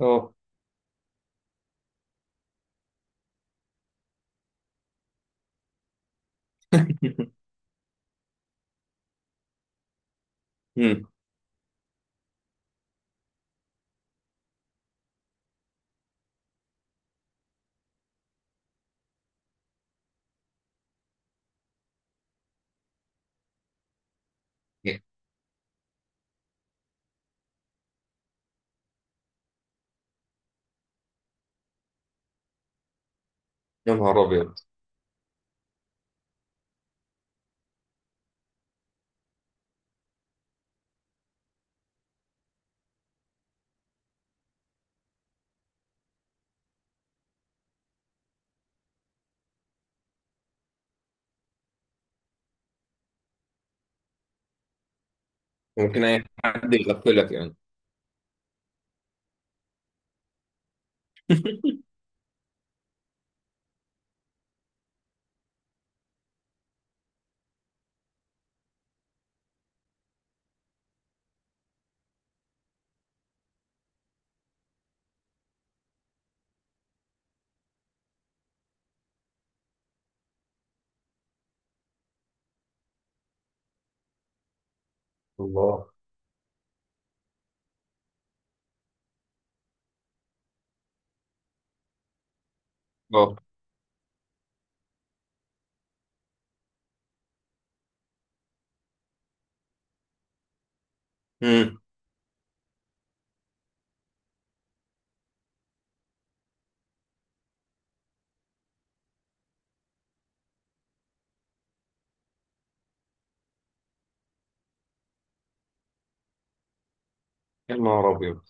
اه. مم. يا نهار ابيض. ممكن اي حد يغفلك يعني؟ الله. اه. مم. يا نهار ابيض.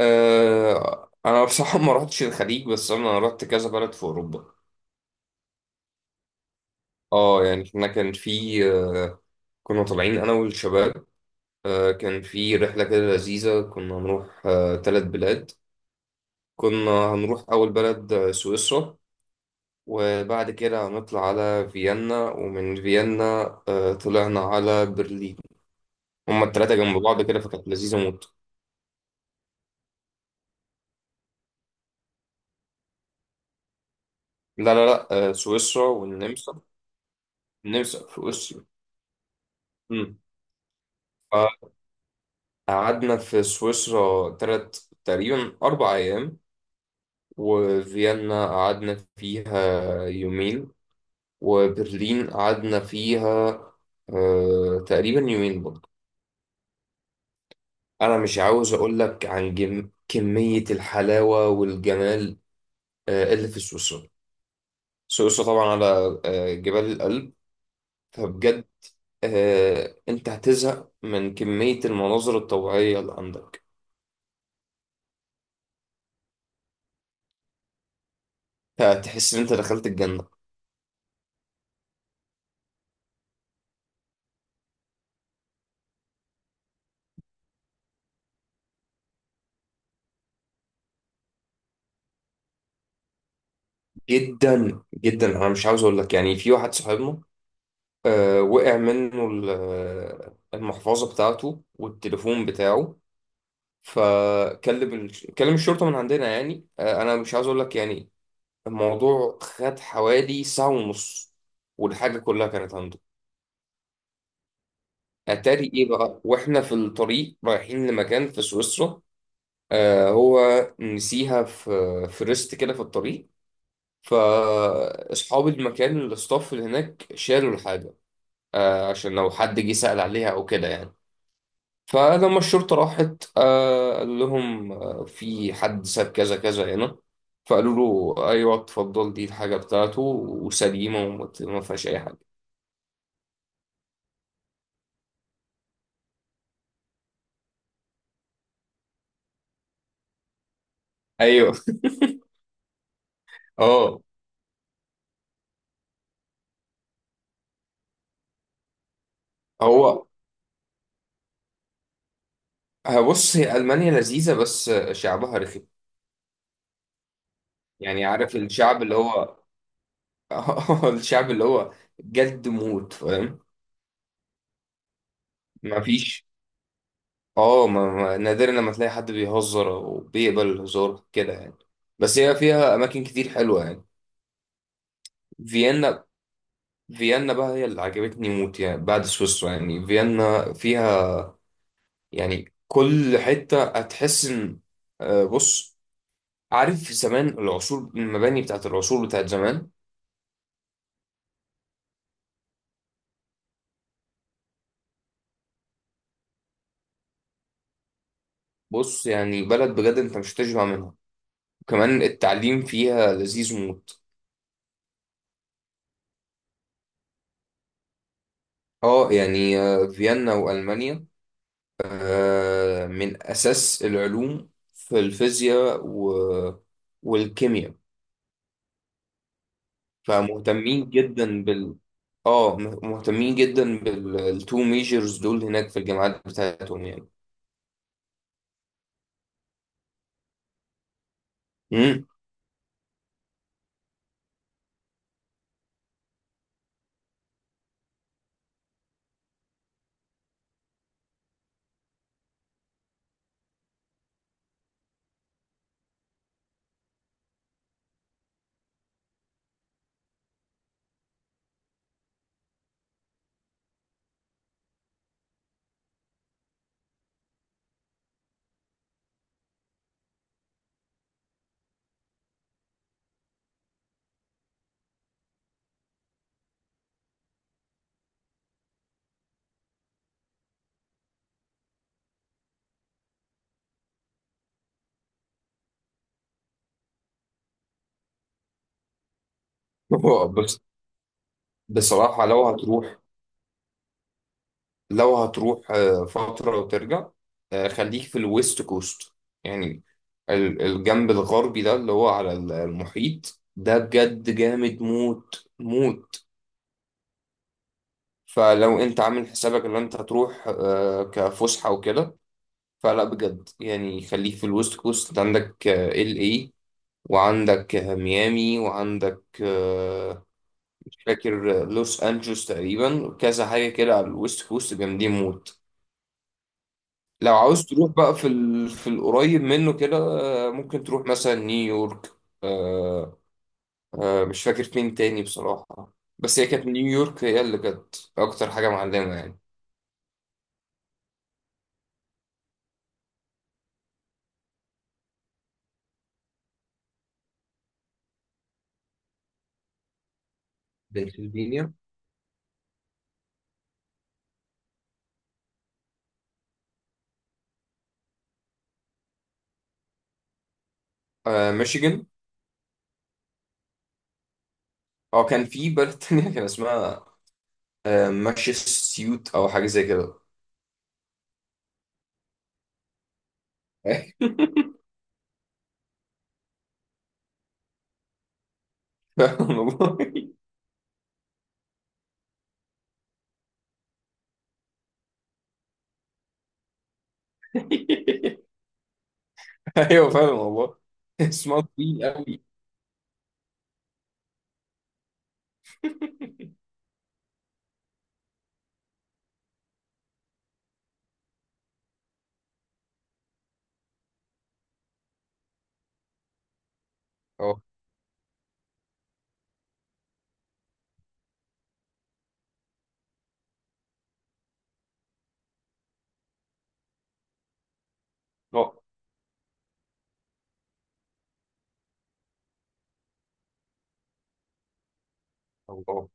انا بصراحه ما رحتش الخليج، بس انا رحت كذا بلد في اوروبا. اه، يعني احنا كان في آه كنا طالعين انا والشباب. كان في رحله كده لذيذه. كنا هنروح ثلاث بلاد. كنا هنروح اول بلد سويسرا، وبعد كده هنطلع على فيينا، ومن فيينا طلعنا على برلين. هما التلاتة جنب بعض كده فكانت لذيذة موت. لا، لا، لا، سويسرا والنمسا. النمسا في سويسرا. أمم. قعدنا في سويسرا تقريبا 4 أيام، وفيينا قعدنا فيها يومين، وبرلين قعدنا فيها تقريبا يومين برضه. أنا مش عاوز أقول لك عن كمية الحلاوة والجمال اللي في سويسرا. سويسرا طبعا على جبال الألب. فبجد، انت هتزهق من كمية المناظر الطبيعية اللي عندك. هتحس ان انت دخلت الجنة. جدا جدا، انا مش عاوز اقول لك. يعني في واحد صاحبنا وقع منه المحفظة بتاعته والتليفون بتاعه. فكلم كلم الشرطة من عندنا يعني. انا مش عاوز اقول لك، يعني الموضوع خد حوالي ساعة ونص والحاجة كلها كانت عنده. اتاري ايه بقى؟ واحنا في الطريق رايحين لمكان في سويسرا هو نسيها في ريست كده في الطريق. فاصحاب المكان، الاستاف اللي هناك، شالوا الحاجه عشان لو حد جه سأل عليها او كده يعني. فلما الشرطه راحت قالوا لهم في حد ساب كذا كذا هنا. فقالوا له ايوه اتفضل، دي الحاجه بتاعته وسليمه وما ما فيهاش اي حاجه. ايوه. اه. هو بص، هي المانيا لذيذه بس شعبها رخم. يعني عارف الشعب اللي هو، اه الشعب اللي هو جد موت، فاهم. ما فيش. نادرا لما تلاقي حد بيهزر وبيقبل الهزار كده يعني. بس هي فيها اماكن كتير حلوه يعني. فيينا، فيينا بقى هي اللي عجبتني موت يعني، بعد سويسرا. يعني فيينا فيها، يعني كل حته هتحس ان بص، عارف زمان، العصور، المباني بتاعت العصور بتاعت زمان. بص يعني بلد بجد انت مش هتشبع منها. كمان التعليم فيها لذيذ موت. اه يعني فيينا وألمانيا من أساس العلوم في الفيزياء والكيمياء، فمهتمين جدا بال، اه، مهتمين جدا بالتو ميجرز دول هناك في الجامعات بتاعتهم يعني. امم. هو بس بصراحة لو هتروح فترة وترجع. خليك في الويست كوست. يعني الجنب الغربي ده اللي هو على المحيط ده بجد جامد موت موت. فلو انت عامل حسابك ان انت هتروح كفسحة وكده، فلا بجد يعني خليك في الويست كوست. انت عندك ال اي، وعندك ميامي، وعندك مش فاكر، لوس انجلوس، تقريبا كذا حاجة كده على الويست كوست جامدين موت. لو عاوز تروح بقى في القريب منه كده، ممكن تروح مثلا نيويورك. آه، مش فاكر فين تاني بصراحة، بس هي كانت نيويورك هي اللي كانت أكتر حاجة معلمة يعني. بنسلفانيا. ميشيغان. هو كان في بلد تانية كان اسمها ماشي سيوت أو حاجة زي كده. فاهم والله. أيوه فاهم والله. اسمها طويل أوي. أه. أه. الله.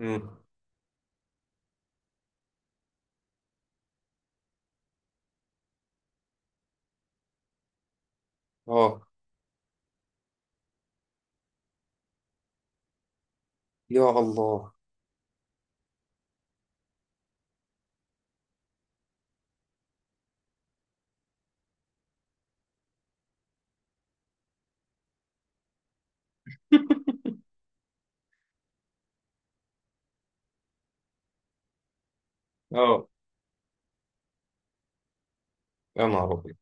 أمم. أه. يا الله. أه. يا نهار أبيض.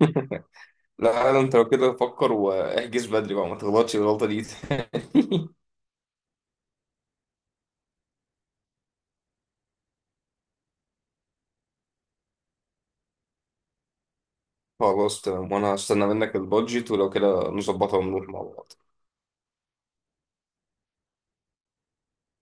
لا، لا، أنت لو كده فكر واحجز بدري بقى، ما تغلطش الغلطة دي. خلاص تمام، وأنا هستنى منك البادجت ولو كده نظبطها ونروح مع بعض.